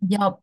Ya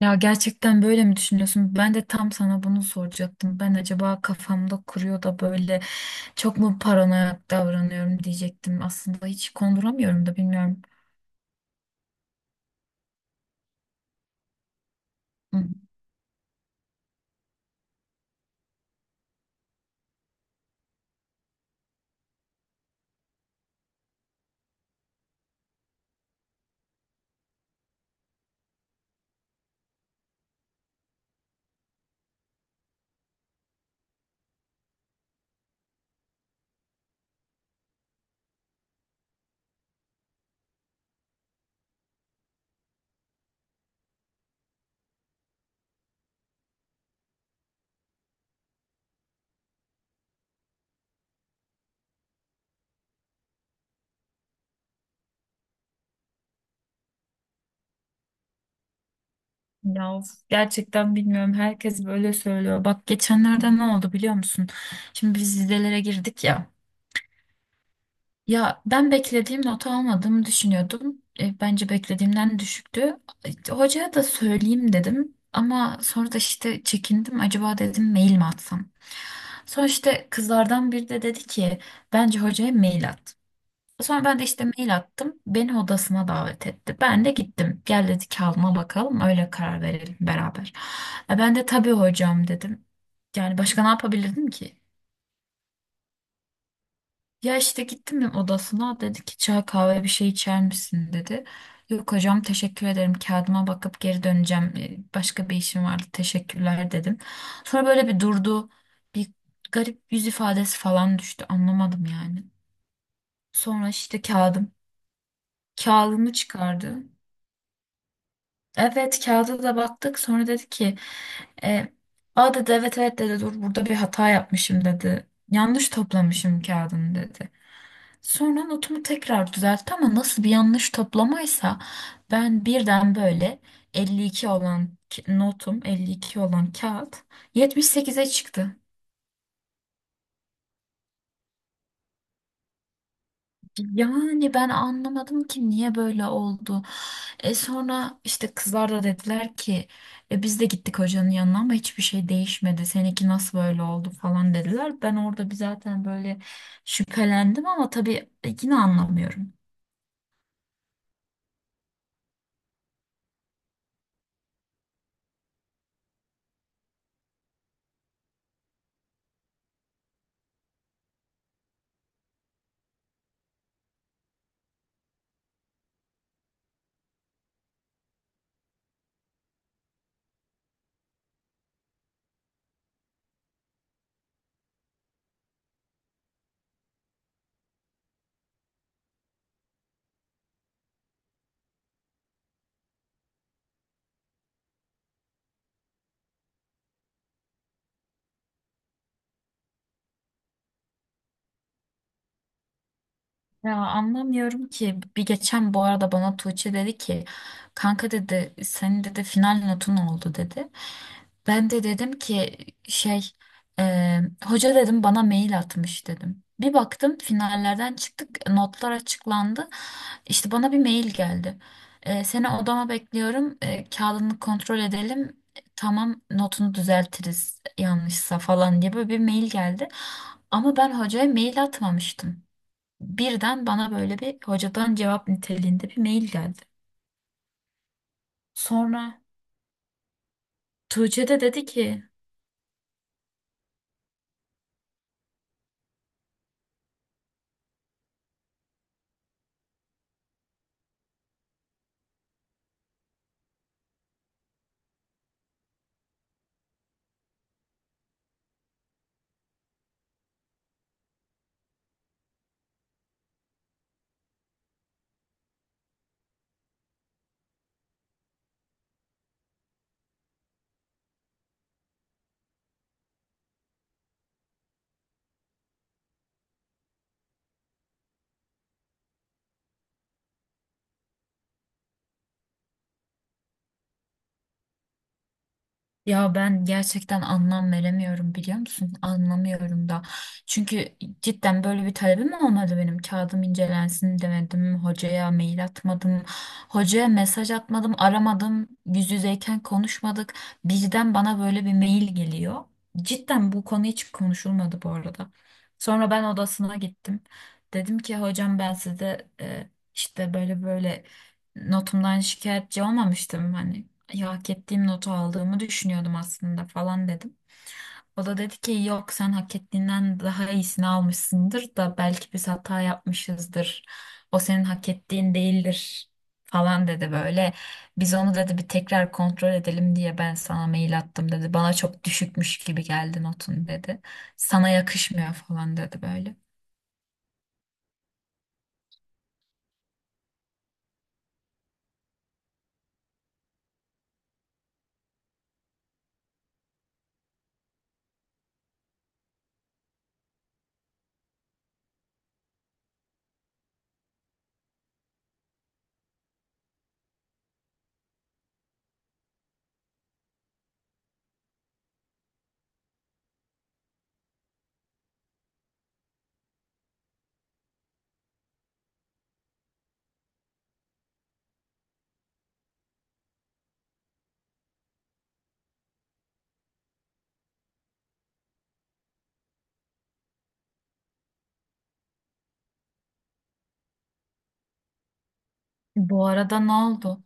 ya gerçekten böyle mi düşünüyorsun? Ben de tam sana bunu soracaktım. Ben acaba kafamda kuruyor da böyle çok mu paranoyak davranıyorum diyecektim. Aslında hiç konduramıyorum da bilmiyorum. Hı. Ya of, gerçekten bilmiyorum. Herkes böyle söylüyor. Bak geçenlerde ne oldu biliyor musun? Şimdi biz vizelere girdik ya. Ya ben beklediğim notu almadığımı düşünüyordum. Bence beklediğimden düşüktü. Hocaya da söyleyeyim dedim. Ama sonra da işte çekindim. Acaba dedim mail mi atsam? Sonra işte kızlardan biri de dedi ki bence hocaya mail at. Sonra ben de işte mail attım. Beni odasına davet etti. Ben de gittim. Gel dedi kağıdına bakalım öyle karar verelim beraber. Ben de tabii hocam dedim. Yani başka ne yapabilirdim ki? Ya işte gittim odasına dedi ki çay kahve bir şey içer misin dedi. Yok hocam teşekkür ederim kağıdıma bakıp geri döneceğim. Başka bir işim vardı teşekkürler dedim. Sonra böyle bir durdu bir garip yüz ifadesi falan düştü anlamadım yani. Sonra işte kağıdımı çıkardı. Evet kağıda da baktık sonra dedi ki e, aa dedi evet evet dedi dur burada bir hata yapmışım dedi. Yanlış toplamışım kağıdını dedi. Sonra notumu tekrar düzeltti ama nasıl bir yanlış toplamaysa ben birden böyle 52 olan notum 52 olan kağıt 78'e çıktı. Yani ben anlamadım ki niye böyle oldu. E sonra işte kızlar da dediler ki e biz de gittik hocanın yanına ama hiçbir şey değişmedi. Seninki nasıl böyle oldu falan dediler. Ben orada bir zaten böyle şüphelendim ama tabii yine anlamıyorum. Ya anlamıyorum ki bir geçen bu arada bana Tuğçe dedi ki kanka dedi senin dedi final notun oldu dedi. Ben de dedim ki şey e, hoca dedim bana mail atmış dedim. Bir baktım finallerden çıktık notlar açıklandı. İşte bana bir mail geldi. Seni odama bekliyorum, kağıdını kontrol edelim. Tamam notunu düzeltiriz yanlışsa falan diye böyle bir mail geldi. Ama ben hocaya mail atmamıştım. Birden bana böyle bir hocadan cevap niteliğinde bir mail geldi. Sonra Tuğçe de dedi ki ya ben gerçekten anlam veremiyorum biliyor musun? Anlamıyorum da. Çünkü cidden böyle bir talebim olmadı benim. Kağıdım incelensin demedim. Hocaya mail atmadım. Hocaya mesaj atmadım. Aramadım. Yüz yüzeyken konuşmadık. Birden bana böyle bir mail geliyor. Cidden bu konu hiç konuşulmadı bu arada. Sonra ben odasına gittim. Dedim ki hocam ben size işte böyle böyle notumdan şikayetçi olmamıştım. Hani ya hak ettiğim notu aldığımı düşünüyordum aslında falan dedim. O da dedi ki yok sen hak ettiğinden daha iyisini almışsındır da belki biz hata yapmışızdır. O senin hak ettiğin değildir falan dedi böyle. Biz onu dedi bir tekrar kontrol edelim diye ben sana mail attım dedi. Bana çok düşükmüş gibi geldi notun dedi. Sana yakışmıyor falan dedi böyle. Bu arada ne oldu?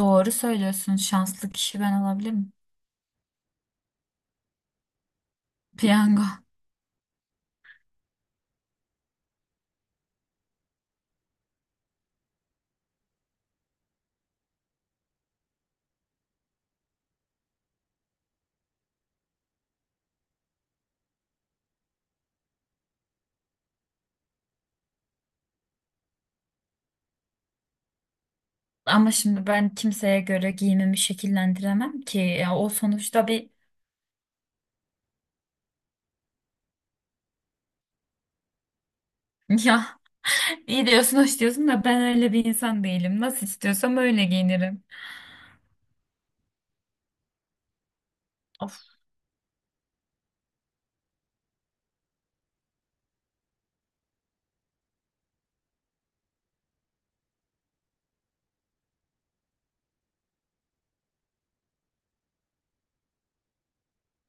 Doğru söylüyorsun. Şanslı kişi ben olabilirim. Piyango. Ama şimdi ben kimseye göre giyimimi şekillendiremem ki. Ya o sonuçta bir ya iyi diyorsun hoş diyorsun da ben öyle bir insan değilim. Nasıl istiyorsam öyle giyinirim. Of.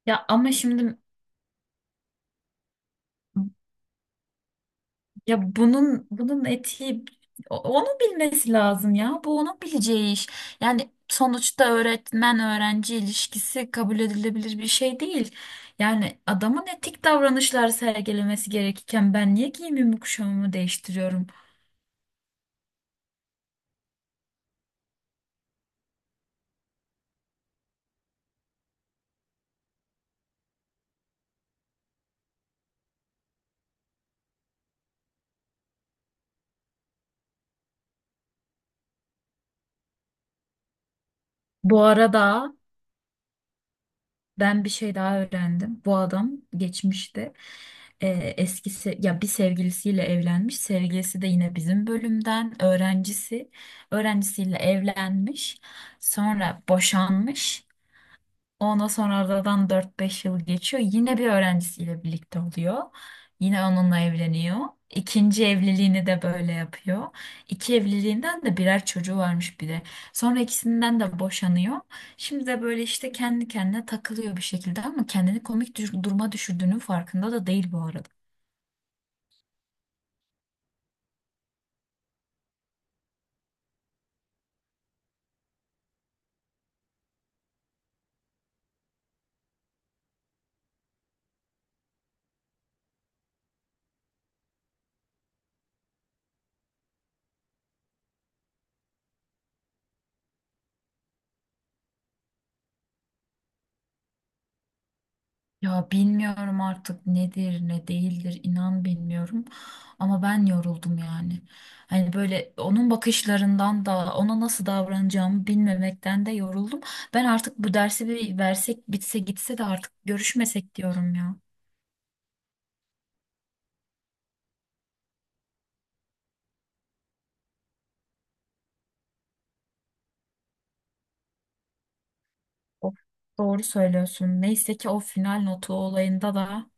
Ya ama şimdi ya bunun etiği onu bilmesi lazım ya. Bu onun bileceği iş. Yani sonuçta öğretmen öğrenci ilişkisi kabul edilebilir bir şey değil. Yani adamın etik davranışlar sergilemesi gerekirken ben niye giyimimi kuşamımı değiştiriyorum? Bu arada ben bir şey daha öğrendim. Bu adam geçmişte e, eski ya bir sevgilisiyle evlenmiş. Sevgilisi de yine bizim bölümden öğrencisi. Öğrencisiyle evlenmiş. Sonra boşanmış. Ondan sonra aradan 4-5 yıl geçiyor. Yine bir öğrencisiyle birlikte oluyor. Yine onunla evleniyor. İkinci evliliğini de böyle yapıyor. İki evliliğinden de birer çocuğu varmış bir de. Sonra ikisinden de boşanıyor. Şimdi de böyle işte kendi kendine takılıyor bir şekilde ama kendini komik duruma düşürdüğünün farkında da değil bu arada. Ya bilmiyorum artık nedir ne değildir inan bilmiyorum ama ben yoruldum yani. Hani böyle onun bakışlarından da ona nasıl davranacağımı bilmemekten de yoruldum. Ben artık bu dersi bir versek bitse gitse de artık görüşmesek diyorum ya. Of, doğru söylüyorsun. Neyse ki o final notu olayında da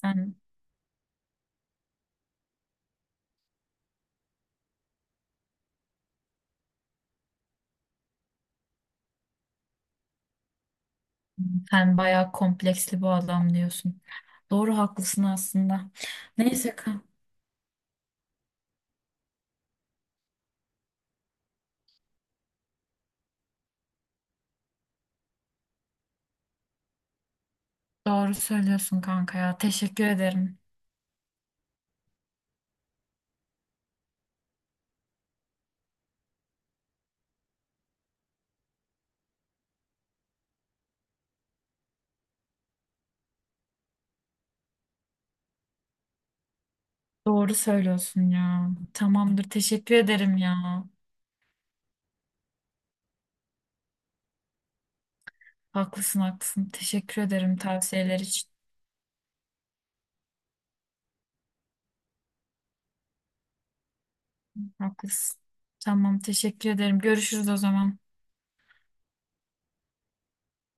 sen sen bayağı kompleksli bu adam diyorsun. Doğru haklısın aslında. Neyse ki doğru söylüyorsun kanka ya. Teşekkür ederim. Doğru söylüyorsun ya. Tamamdır. Teşekkür ederim ya. Haklısın haklısın. Teşekkür ederim tavsiyeler için. Haklısın. Tamam teşekkür ederim. Görüşürüz o zaman.